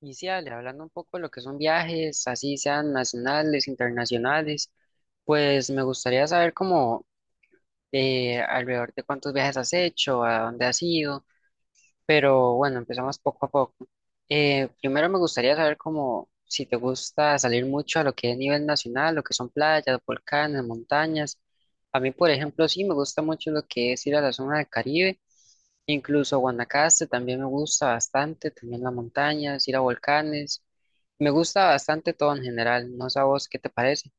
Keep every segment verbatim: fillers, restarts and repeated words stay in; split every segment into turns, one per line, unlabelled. Iniciales hablando un poco de lo que son viajes, así sean nacionales, internacionales, pues me gustaría saber cómo eh, alrededor de cuántos viajes has hecho, a dónde has ido, pero bueno, empezamos poco a poco. Eh, primero me gustaría saber cómo, si te gusta salir mucho a lo que es nivel nacional, lo que son playas, volcanes, montañas. A mí, por ejemplo, sí me gusta mucho lo que es ir a la zona del Caribe, incluso Guanacaste también me gusta bastante, también las montañas, ir a volcanes. Me gusta bastante todo en general, no sé a vos qué te parece.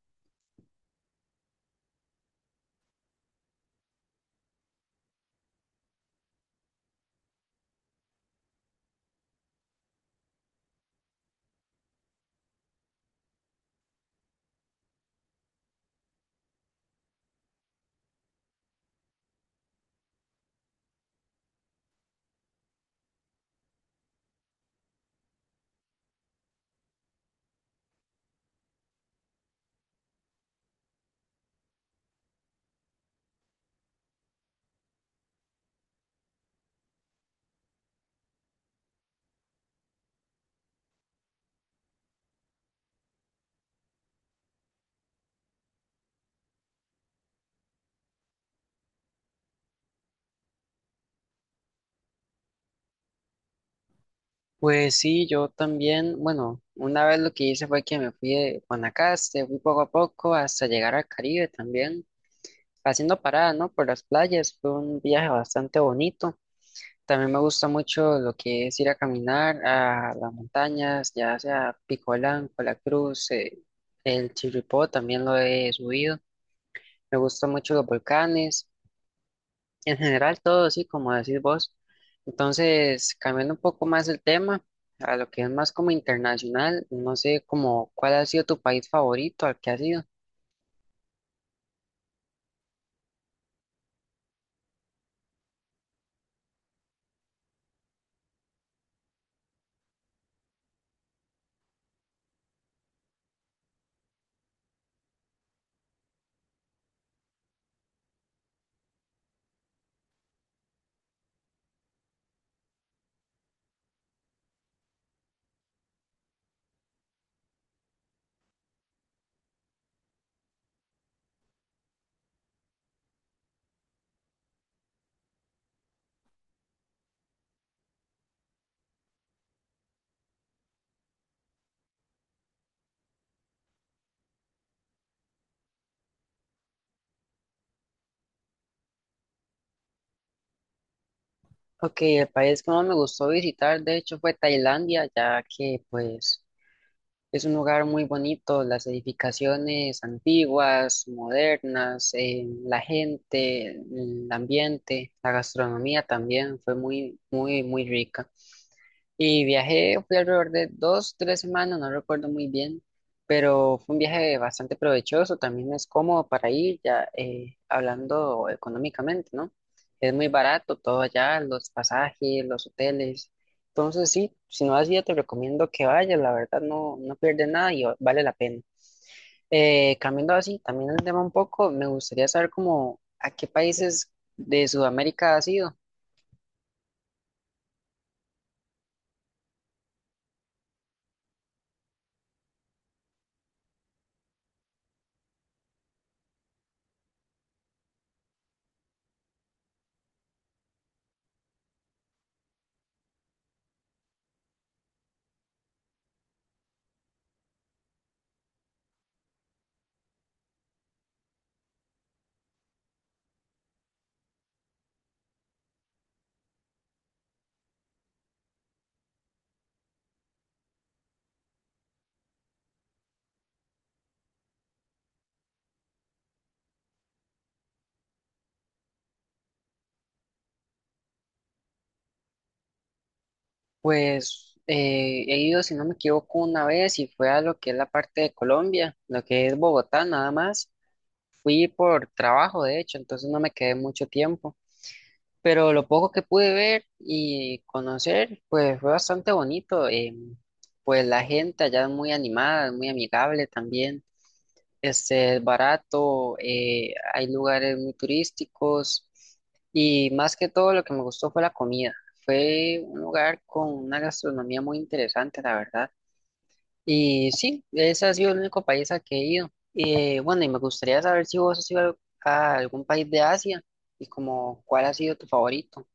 Pues sí, yo también, bueno, una vez lo que hice fue que me fui de Guanacaste, fui poco a poco hasta llegar al Caribe también, haciendo parada, ¿no? Por las playas, fue un viaje bastante bonito. También me gusta mucho lo que es ir a caminar a las montañas, ya sea Pico Blanco, La Cruz, eh, el Chirripó, también lo he subido. Me gustan mucho los volcanes, en general todo, sí, como decís vos. Entonces, cambiando un poco más el tema, a lo que es más como internacional, no sé como cuál ha sido tu país favorito, al que has ido. Ok, el país que más me gustó visitar, de hecho, fue Tailandia, ya que pues es un lugar muy bonito, las edificaciones antiguas, modernas, eh, la gente, el ambiente, la gastronomía también fue muy, muy, muy rica. Y viajé, fui alrededor de dos, tres semanas, no recuerdo muy bien, pero fue un viaje bastante provechoso, también es cómodo para ir, ya eh, hablando económicamente, ¿no? Es muy barato todo allá, los pasajes, los hoteles. Entonces sí, si no has ido, te recomiendo que vayas, la verdad no, no pierdes nada y vale la pena. Eh, cambiando así, también el tema un poco, me gustaría saber cómo, a qué países de Sudamérica has ido. Pues eh, he ido, si no me equivoco, una vez y fue a lo que es la parte de Colombia, lo que es Bogotá, nada más. Fui por trabajo, de hecho, entonces no me quedé mucho tiempo, pero lo poco que pude ver y conocer, pues fue bastante bonito. Eh, pues la gente allá es muy animada, es muy amigable también. Este, es barato, eh, hay lugares muy turísticos y más que todo lo que me gustó fue la comida. Fue un lugar con una gastronomía muy interesante, la verdad. Y sí, ese ha sido el único país al que he ido. Eh, bueno, y me gustaría saber si vos has ido a algún país de Asia y como cuál ha sido tu favorito.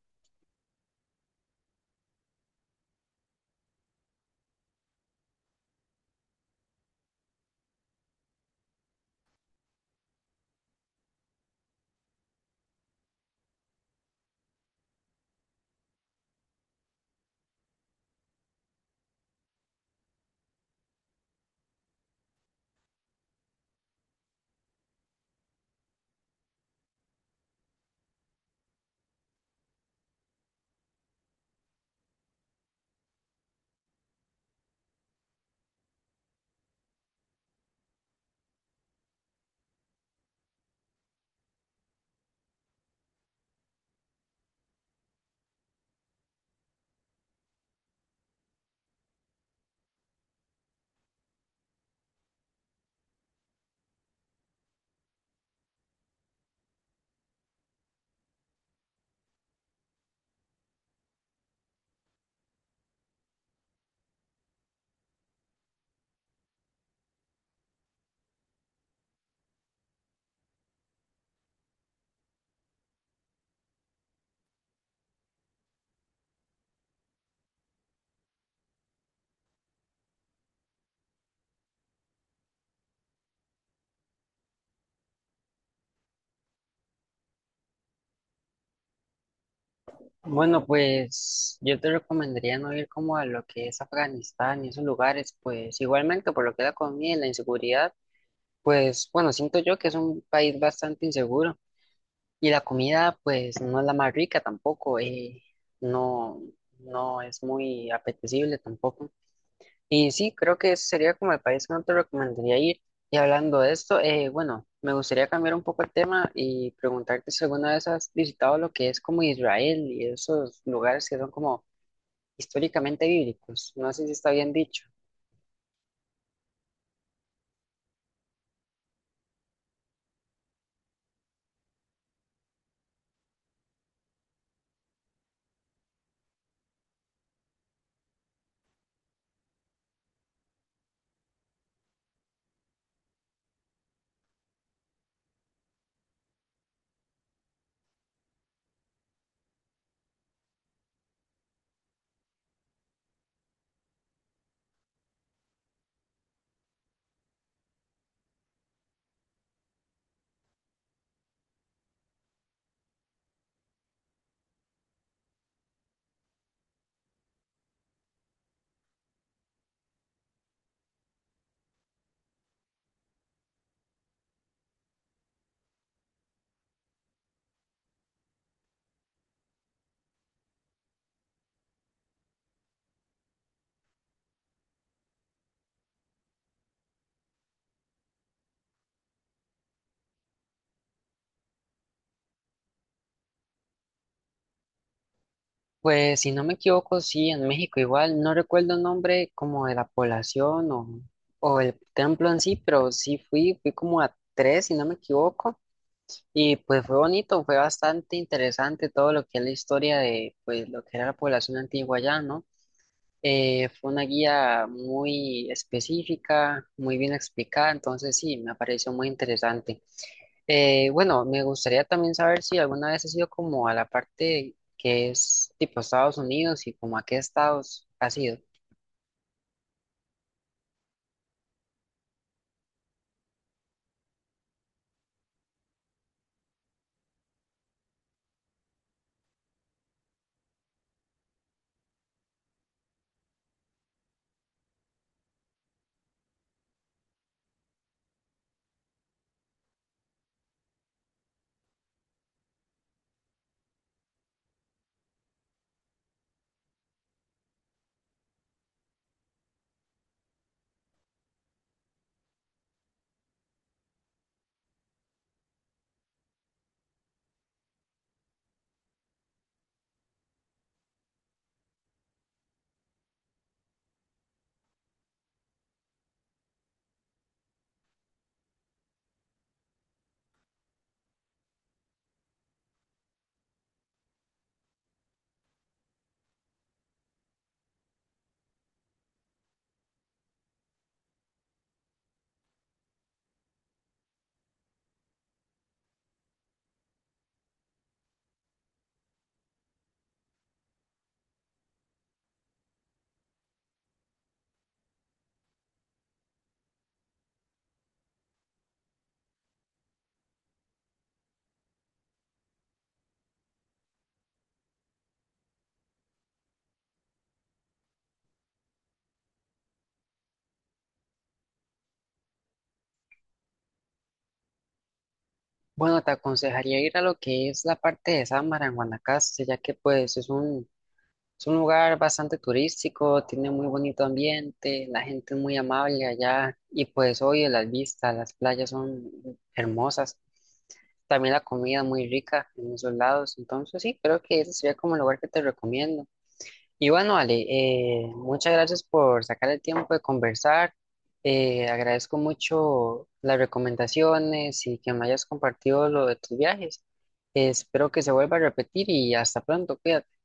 Bueno, pues yo te recomendaría no ir como a lo que es Afganistán y esos lugares, pues igualmente por lo que es la comida y la inseguridad, pues bueno, siento yo que es un país bastante inseguro y la comida pues no es la más rica tampoco, eh, no, no es muy apetecible tampoco. Y sí, creo que ese sería como el país que no te recomendaría ir. Y hablando de esto, eh, bueno, me gustaría cambiar un poco el tema y preguntarte si alguna vez has visitado lo que es como Israel y esos lugares que son como históricamente bíblicos, no sé si está bien dicho. Pues si no me equivoco, sí, en México igual, no recuerdo el nombre como de la población o, o el templo en sí, pero sí fui, fui como a tres, si no me equivoco, y pues fue bonito, fue bastante interesante todo lo que es la historia de pues lo que era la población antigua allá, ¿no? Eh, fue una guía muy específica, muy bien explicada, entonces sí, me pareció muy interesante. Eh, bueno, me gustaría también saber si alguna vez has ido como a la parte que es tipo Estados Unidos y como a qué estados has ido. Bueno, te aconsejaría ir a lo que es la parte de Samara en Guanacaste, ya que pues es un, es un lugar bastante turístico, tiene muy bonito ambiente, la gente es muy amable allá y pues oye las vistas, las playas son hermosas, también la comida es muy rica en esos lados, entonces sí, creo que ese sería como el lugar que te recomiendo. Y bueno, Ale, eh, muchas gracias por sacar el tiempo de conversar. Eh, agradezco mucho las recomendaciones y que me hayas compartido lo de tus viajes. Espero que se vuelva a repetir y hasta pronto, cuídate.